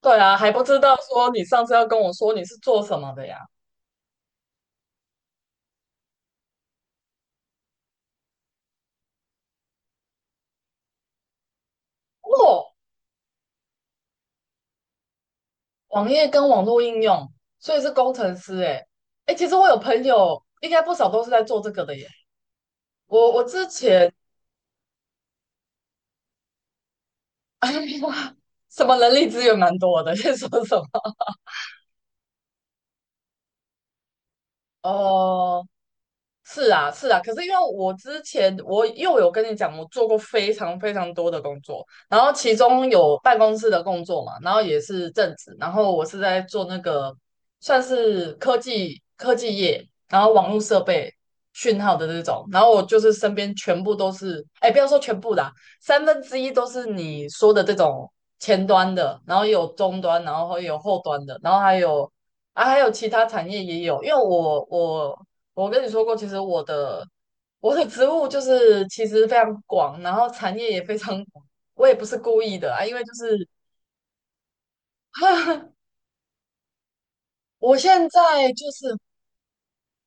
对啊，还不知道说你上次要跟我说你是做什么的呀？哦，网页跟网络应用，所以是工程师诶。诶，其实我有朋友，应该不少都是在做这个的耶。我之前什么人力资源蛮多的，先说什么？哦、是啊，是啊，可是因为我之前我又有跟你讲，我做过非常非常多的工作，然后其中有办公室的工作嘛，然后也是正职，然后我是在做那个算是科技业，然后网络设备讯号的那种，然后我就是身边全部都是，哎，不要说全部啦，三分之一都是你说的这种前端的，然后也有终端，然后也有后端的，然后还有。啊，还有其他产业也有，因为我我跟你说过，其实我的职务就是其实非常广，然后产业也非常广。我也不是故意的啊，因为就是 我现在就是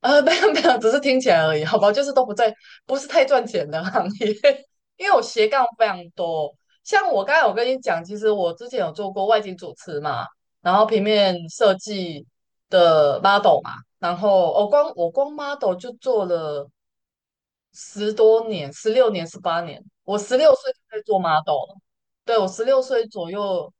没有没有，只是听起来而已，好吧，就是都不在，不是太赚钱的行业，因为我斜杠非常多。像我刚才我跟你讲，其实我之前有做过外景主持嘛，然后平面设计的 model 嘛，然后我、哦光我光 model 就做了。十多年，十六年、十八年，我十六岁就可以做 model 了。对，我十六岁左右，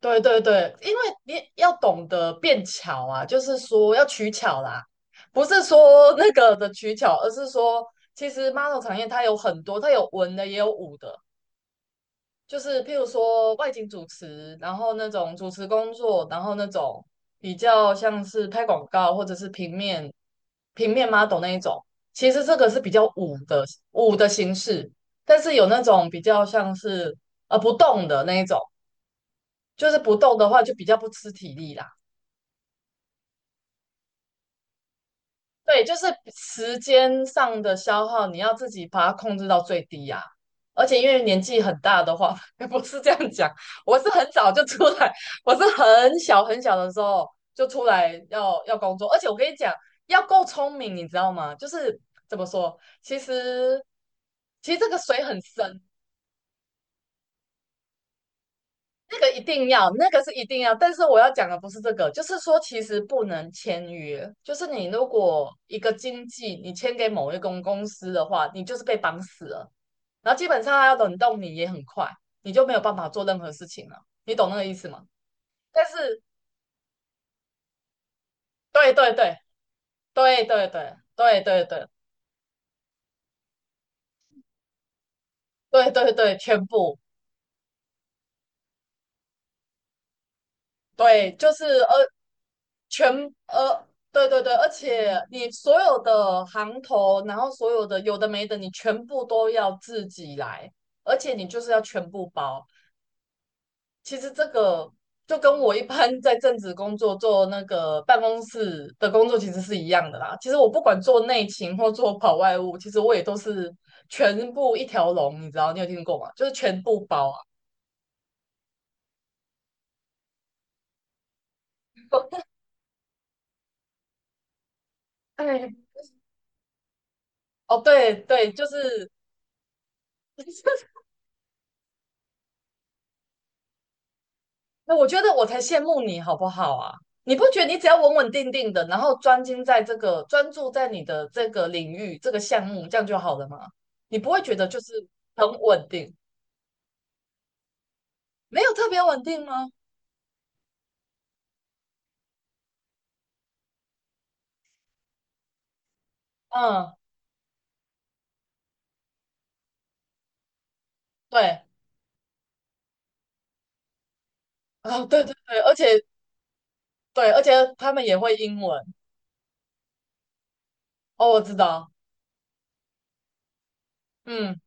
对对对，因为你要懂得变巧啊，就是说要取巧啦，不是说那个的取巧，而是说其实 model 产业它有很多，它有文的也有武的，就是譬如说外景主持，然后那种主持工作，然后那种比较像是拍广告或者是平面 model 那一种，其实这个是比较舞的形式，但是有那种比较像是不动的那一种，就是不动的话就比较不吃体力啦。对，就是时间上的消耗，你要自己把它控制到最低呀、而且因为年纪很大的话，不是这样讲，我是很早就出来，我是很小很小的时候就出来要工作，而且我跟你讲，要够聪明，你知道吗？就是怎么说，其实其实这个水很深。那个一定要，那个是一定要。但是我要讲的不是这个，就是说其实不能签约。就是你如果一个经纪你签给某一公司的话，你就是被绑死了。然后基本上他要冷冻你也很快，你就没有办法做任何事情了。你懂那个意思吗？但是对对对对对对对对对对对对对，全部对，就是全呃，对对对，而且你所有的行头，然后所有的有的没的，你全部都要自己来，而且你就是要全部包。其实这个就跟我一般在正职工作做那个办公室的工作其实是一样的啦。其实我不管做内勤或做跑外务，其实我也都是全部一条龙，你知道？你有听过吗？就是全部包啊。哎，哦，对对，就是 那我觉得我才羡慕你，好不好啊？你不觉得你只要稳稳定定的，然后专精在这个，专注在你的这个领域、这个项目，这样就好了吗？你不会觉得就是很稳定，没有特别稳定吗？嗯，对，啊、对对对，而且对，而且他们也会英文哦，我知道，嗯，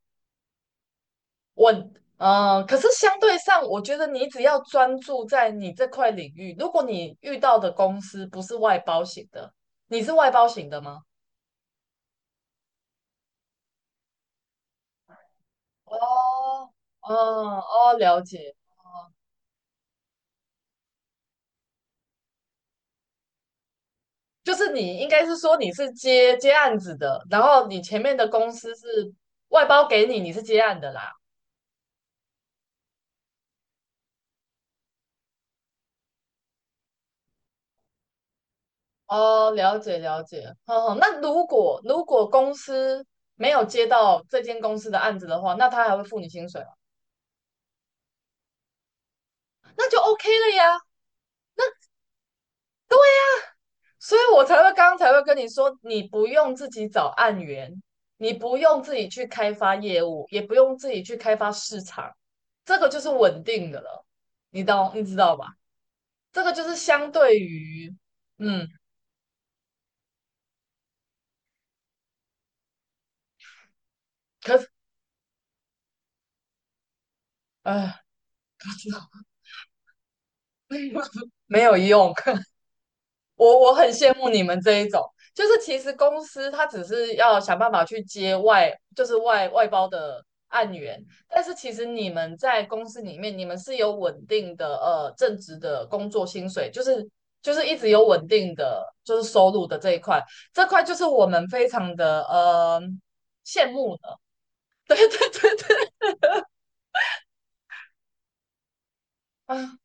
稳，嗯、可是相对上，我觉得你只要专注在你这块领域，如果你遇到的公司不是外包型的，你是外包型的吗？哦，哦，哦，了解，就是你应该是说你是接案子的，然后你前面的公司是外包给你，你是接案的啦。哦，了解了解，哦，那如果公司没有接到这间公司的案子的话，那他还会付你薪水吗？那就 OK 了呀。所以我才会刚刚才会跟你说，你不用自己找案源，你不用自己去开发业务，也不用自己去开发市场，这个就是稳定的了，你懂，你知道吧？这个就是相对于，嗯，可是，哎，不知道，没有用。我很羡慕你们这一种，就是其实公司它只是要想办法去接外，就是外包的案源，但是其实你们在公司里面，你们是有稳定的正职的工作薪水，就是就是一直有稳定的就是收入的这一块，这块就是我们非常的羡慕的，对对对对，啊，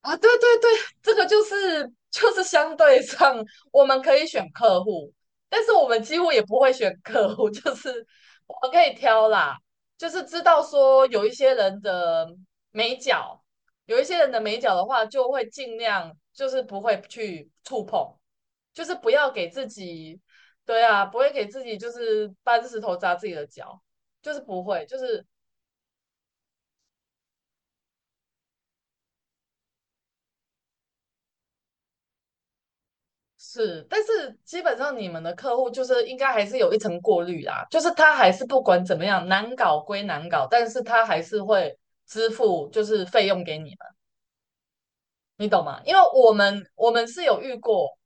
啊，对对对，这个就是相对上，我们可以选客户，但是我们几乎也不会选客户，就是我们可以挑啦，就是知道说有一些人的美角，有一些人的美角的话，就会尽量就是不会去触碰，就是不要给自己，对啊，不会给自己就是搬石头砸自己的脚，就是不会，就是是，但是基本上你们的客户就是应该还是有一层过滤啦，就是他还是不管怎么样难搞归难搞，但是他还是会支付就是费用给你们，你懂吗？因为我们是有遇过，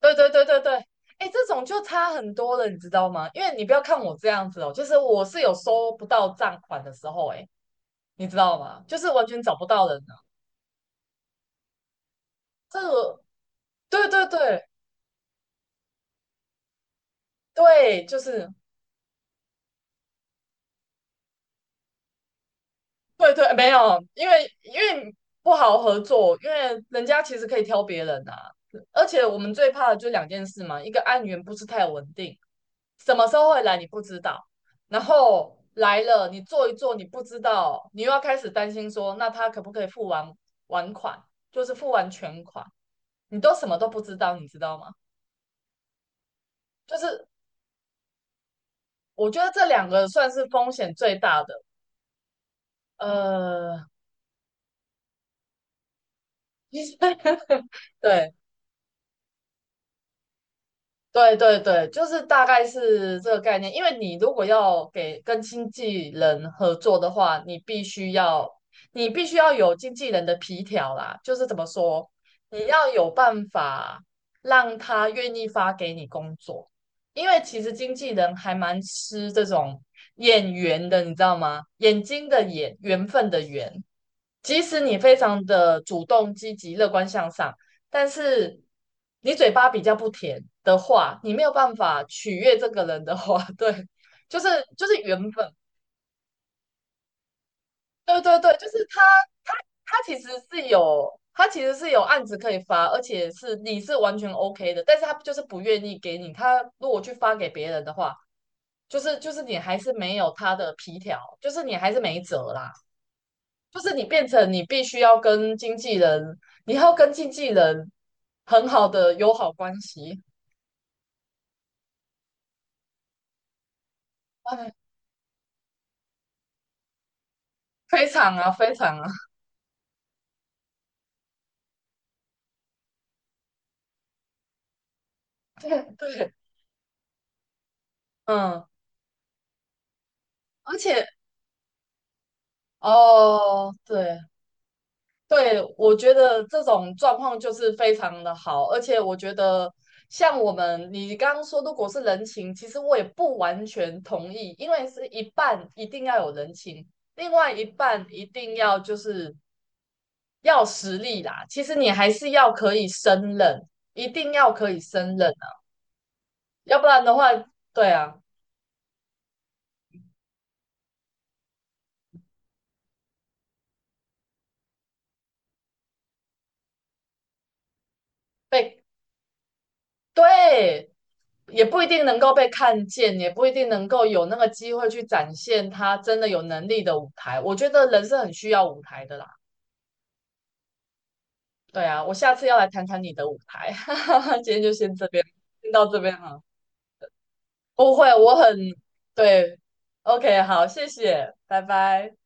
对对对对对，哎，这种就差很多了，你知道吗？因为你不要看我这样子哦，就是我是有收不到账款的时候，哎，你知道吗？就是完全找不到人了，这个对对对对，就是对对，没有，因为不好合作，因为人家其实可以挑别人啊。而且我们最怕的就两件事嘛，一个案源不是太稳定，什么时候会来你不知道，然后来了你做一做你不知道，你又要开始担心说，那他可不可以完款，就是付完全款，你都什么都不知道，你知道吗？就是我觉得这两个算是风险最大的，呃，对。对对对，就是大概是这个概念。因为你如果要给跟经纪人合作的话，你必须要有经纪人的皮条啦，就是怎么说，你要有办法让他愿意发给你工作，因为其实经纪人还蛮吃这种眼缘的，你知道吗？眼睛的眼，缘分的缘。即使你非常的主动、积极、乐观向上，但是你嘴巴比较不甜的话，你没有办法取悦这个人的话，对，就是就是原本对对对，就是他他其实是有案子可以发，而且是你是完全 OK 的，但是他就是不愿意给你，他如果去发给别人的话，就是你还是没有他的皮条，就是你还是没辙啦，就是你变成你必须要跟经纪人，你要跟经纪人很好的友好关系。非常啊，非常啊，对对，嗯，而且哦，对对，我觉得这种状况就是非常的好，而且我觉得像我们你刚刚说，如果是人情，其实我也不完全同意，因为是一半一定要有人情，另外一半一定要就是要实力啦。其实你还是要可以胜任，一定要可以胜任啊，要不然的话，对啊，被对，也不一定能够被看见，也不一定能够有那个机会去展现他真的有能力的舞台。我觉得人是很需要舞台的啦。对啊，我下次要来谈谈你的舞台。今天就先这边，先到这边了。不会，我很，对，OK，好，谢谢，拜拜。